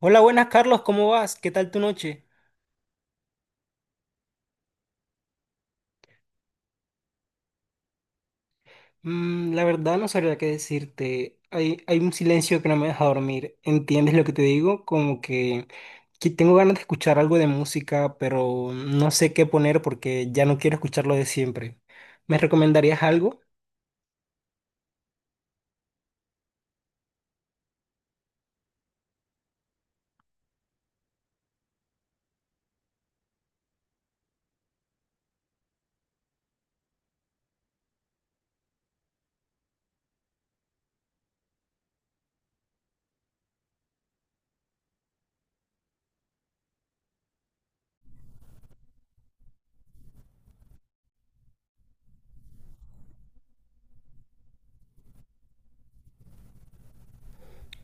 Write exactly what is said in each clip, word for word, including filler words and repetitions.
Hola, buenas Carlos, ¿cómo vas? ¿Qué tal tu noche? Mm, la verdad no sabría qué decirte. Hay, hay un silencio que no me deja dormir. ¿Entiendes lo que te digo? Como que, que tengo ganas de escuchar algo de música, pero no sé qué poner porque ya no quiero escuchar lo de siempre. ¿Me recomendarías algo?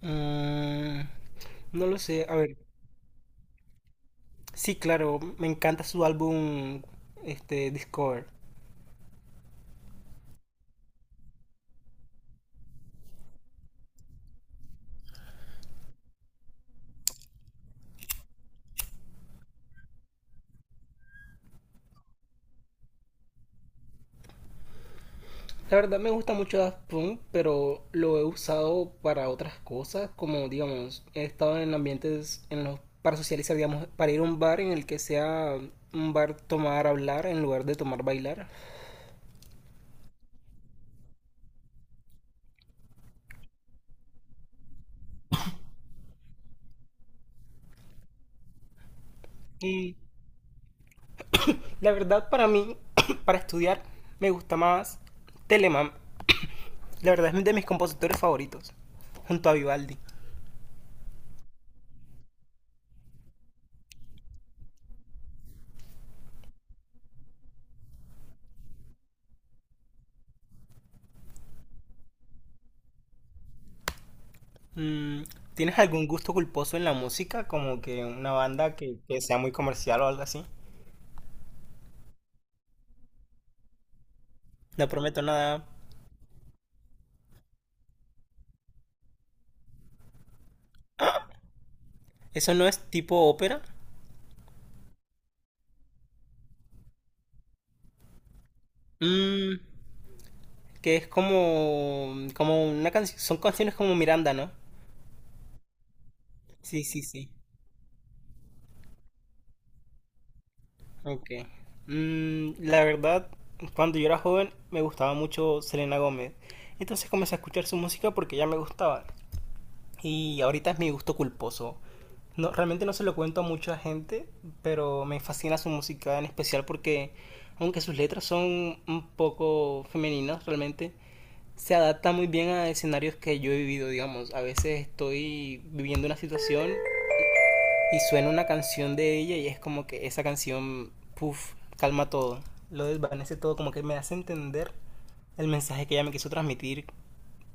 Mm, no lo sé. A ver, sí, claro, me encanta su álbum, este, Discover. La verdad me gusta mucho Daft Punk, pero lo he usado para otras cosas, como digamos, he estado en ambientes en los para socializar, digamos, para ir a un bar en el que sea un bar tomar hablar en lugar de tomar bailar. Y la verdad para mí, para estudiar, me gusta más Telemann. La verdad es de mis compositores favoritos, junto a Vivaldi. Mm, ¿tienes algún gusto culposo en la música? Como que una banda que, que sea muy comercial o algo así. No prometo nada. ¿Eso no es tipo ópera? Mm, que es como, como una canción, son canciones como Miranda, ¿no? Sí, sí, sí. Ok. Mm, la verdad, cuando yo era joven me gustaba mucho Selena Gómez. Entonces comencé a escuchar su música porque ya me gustaba. Y ahorita es mi gusto culposo. No, realmente no se lo cuento a mucha gente, pero me fascina su música en especial porque aunque sus letras son un poco femeninas realmente, se adapta muy bien a escenarios que yo he vivido, digamos. A veces estoy viviendo una situación y suena una canción de ella y es como que esa canción, puff, calma todo, lo desvanece todo, como que me hace entender el mensaje que ella me quiso transmitir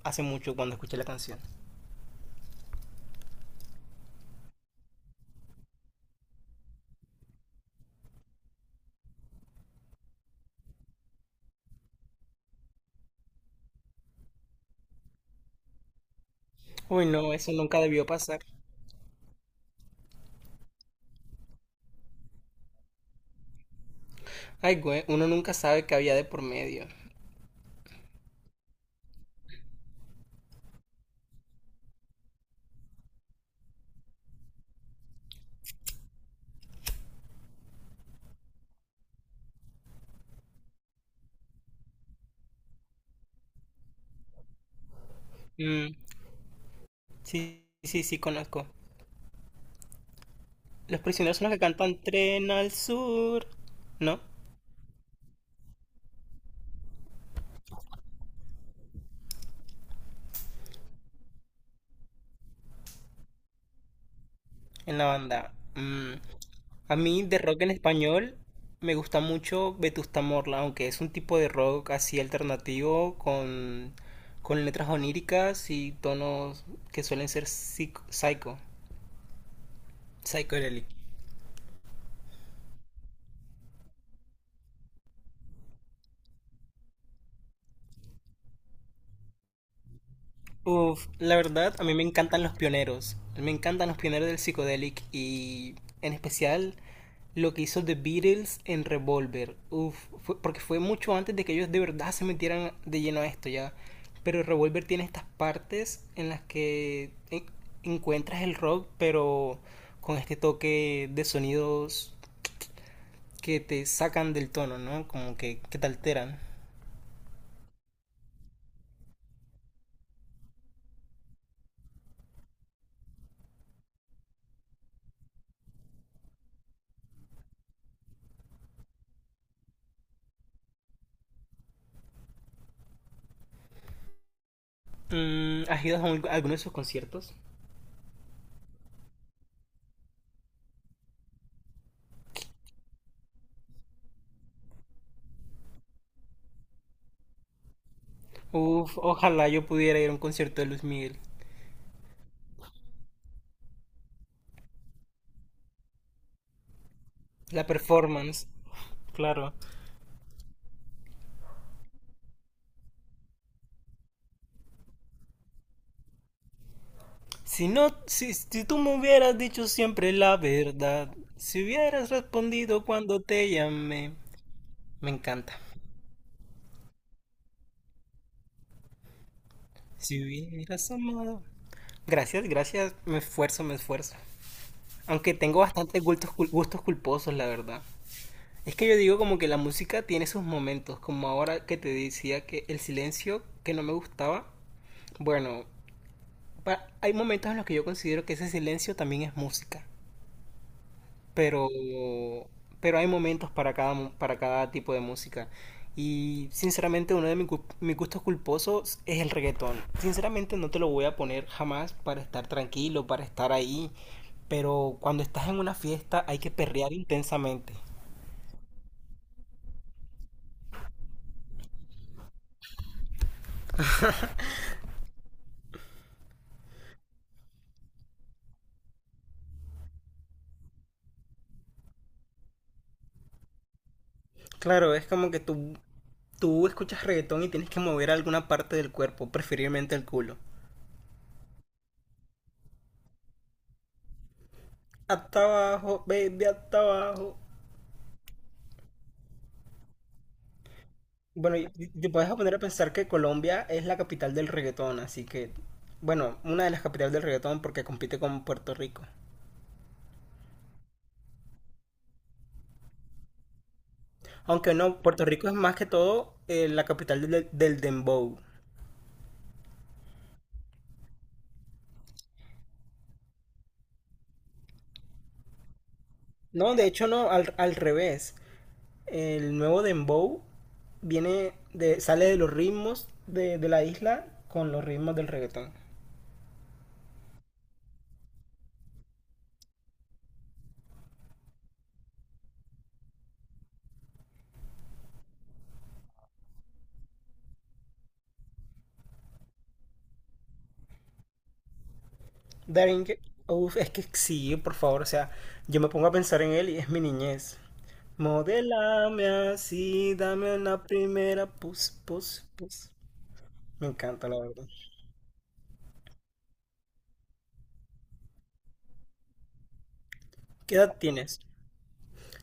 hace mucho cuando escuché la canción. Uy, no, eso nunca debió pasar. Ay, güey, uno nunca sabe qué había de por medio. Mm, sí, sí, sí, conozco. Los prisioneros son los que cantan Tren al Sur, ¿no? En la banda. Mm, a mí de rock en español me gusta mucho Vetusta Morla, aunque es un tipo de rock así alternativo con, con letras oníricas y tonos que suelen ser psic- psycho, psicodélicos. Uf, la verdad, a mí me encantan los pioneros. Me encantan los pioneros del psicodelic y en especial lo que hizo The Beatles en Revolver. Uf, fue- porque fue mucho antes de que ellos de verdad se metieran de lleno a esto ya. Pero Revolver tiene estas partes en las que en- encuentras el rock, pero con este toque de sonidos que te sacan del tono, ¿no? Como que, que te alteran. Mm, ¿has ido a un- a alguno de sus conciertos? Uf, ojalá yo pudiera ir a un concierto de Luis Miguel. La performance. Claro. Si no, si, si tú me hubieras dicho siempre la verdad, si hubieras respondido cuando te llamé, me encanta. Si hubieras amado. Gracias, gracias, me esfuerzo, me esfuerzo. Aunque tengo bastantes gustos, cul- gustos culposos, la verdad. Es que yo digo como que la música tiene sus momentos, como ahora que te decía que el silencio que no me gustaba, bueno, hay momentos en los que yo considero que ese silencio también es música, pero, pero hay momentos para cada, mo- para cada tipo de música. Y sinceramente uno de mis, gu- mis gustos culposos es el reggaetón. Sinceramente no te lo voy a poner jamás para estar tranquilo, para estar ahí, pero cuando estás en una fiesta hay que perrear intensamente. Claro, es como que tú, tú escuchas reggaetón y tienes que mover alguna parte del cuerpo, preferiblemente el culo. Hasta abajo, baby, hasta abajo. Bueno, y y te puedes poner a pensar que Colombia es la capital del reggaetón, así que, bueno, una de las capitales del reggaetón porque compite con Puerto Rico. Aunque no, Puerto Rico es más que todo eh, la capital del, del dembow. No, de hecho no, al, al revés. El nuevo dembow viene de, sale de los ritmos de, de la isla con los ritmos del reggaetón. Daring, uf, es que sí, por favor, o sea, yo me pongo a pensar en él y es mi niñez. Modélame así, dame una primera pus, pus, pus. Me encanta, la verdad. ¿Qué edad tienes?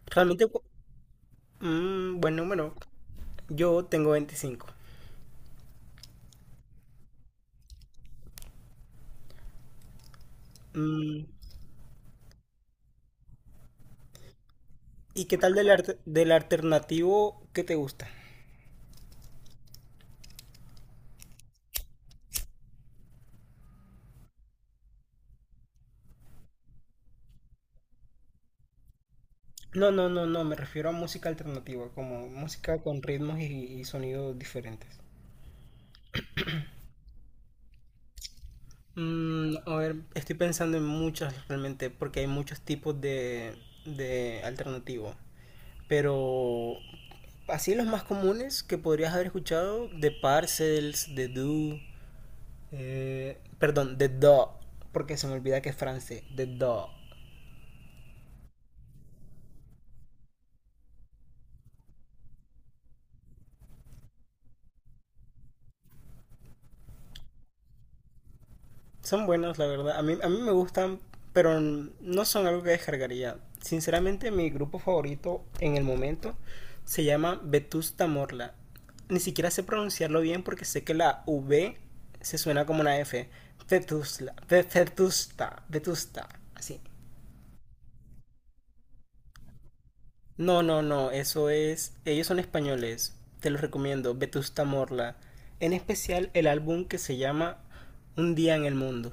Realmente, cu- mm, buen número. Yo tengo veinticinco. Mm, ¿y qué tal del, arte- del alternativo que te gusta? No, no, no, no, me refiero a música alternativa, como música con ritmos y, y sonidos diferentes. Mm, a ver, estoy pensando en muchas realmente, porque hay muchos tipos de, de alternativo. Pero así los más comunes que podrías haber escuchado, de Parcels, de Do, eh, perdón, de Do, porque se me olvida que es francés, de Do. Son buenas, la verdad. A mí, a mí me gustan, pero no son algo que descargaría. Sinceramente, mi grupo favorito en el momento se llama Vetusta Morla. Ni siquiera sé pronunciarlo bien porque sé que la V se suena como una F. Vetusla, Ve- Vetusta, Vetusta, así. No, no, no, eso es. Ellos son españoles. Te los recomiendo, Vetusta Morla. En especial el álbum que se llama Un día en el mundo.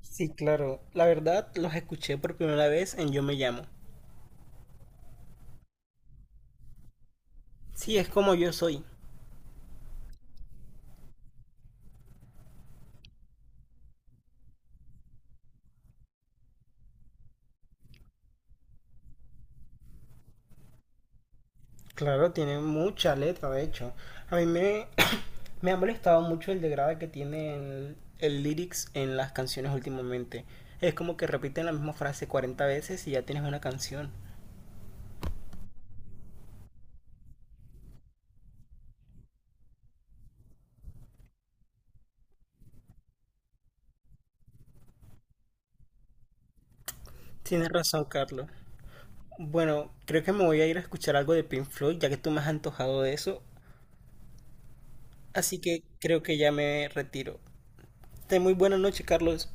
Sí, claro. La verdad, los escuché por primera vez en Yo me llamo. Sí, es como yo soy. Claro, tiene mucha letra, de hecho. A mí me, me ha molestado mucho el degrade que tiene el, el lyrics en las canciones últimamente. Es como que repiten la misma frase cuarenta veces y ya tienes una canción. Tienes razón, Carlos. Bueno, creo que me voy a ir a escuchar algo de Pink Floyd, ya que tú me has antojado de eso. Así que creo que ya me retiro. Ten muy buena noche, Carlos.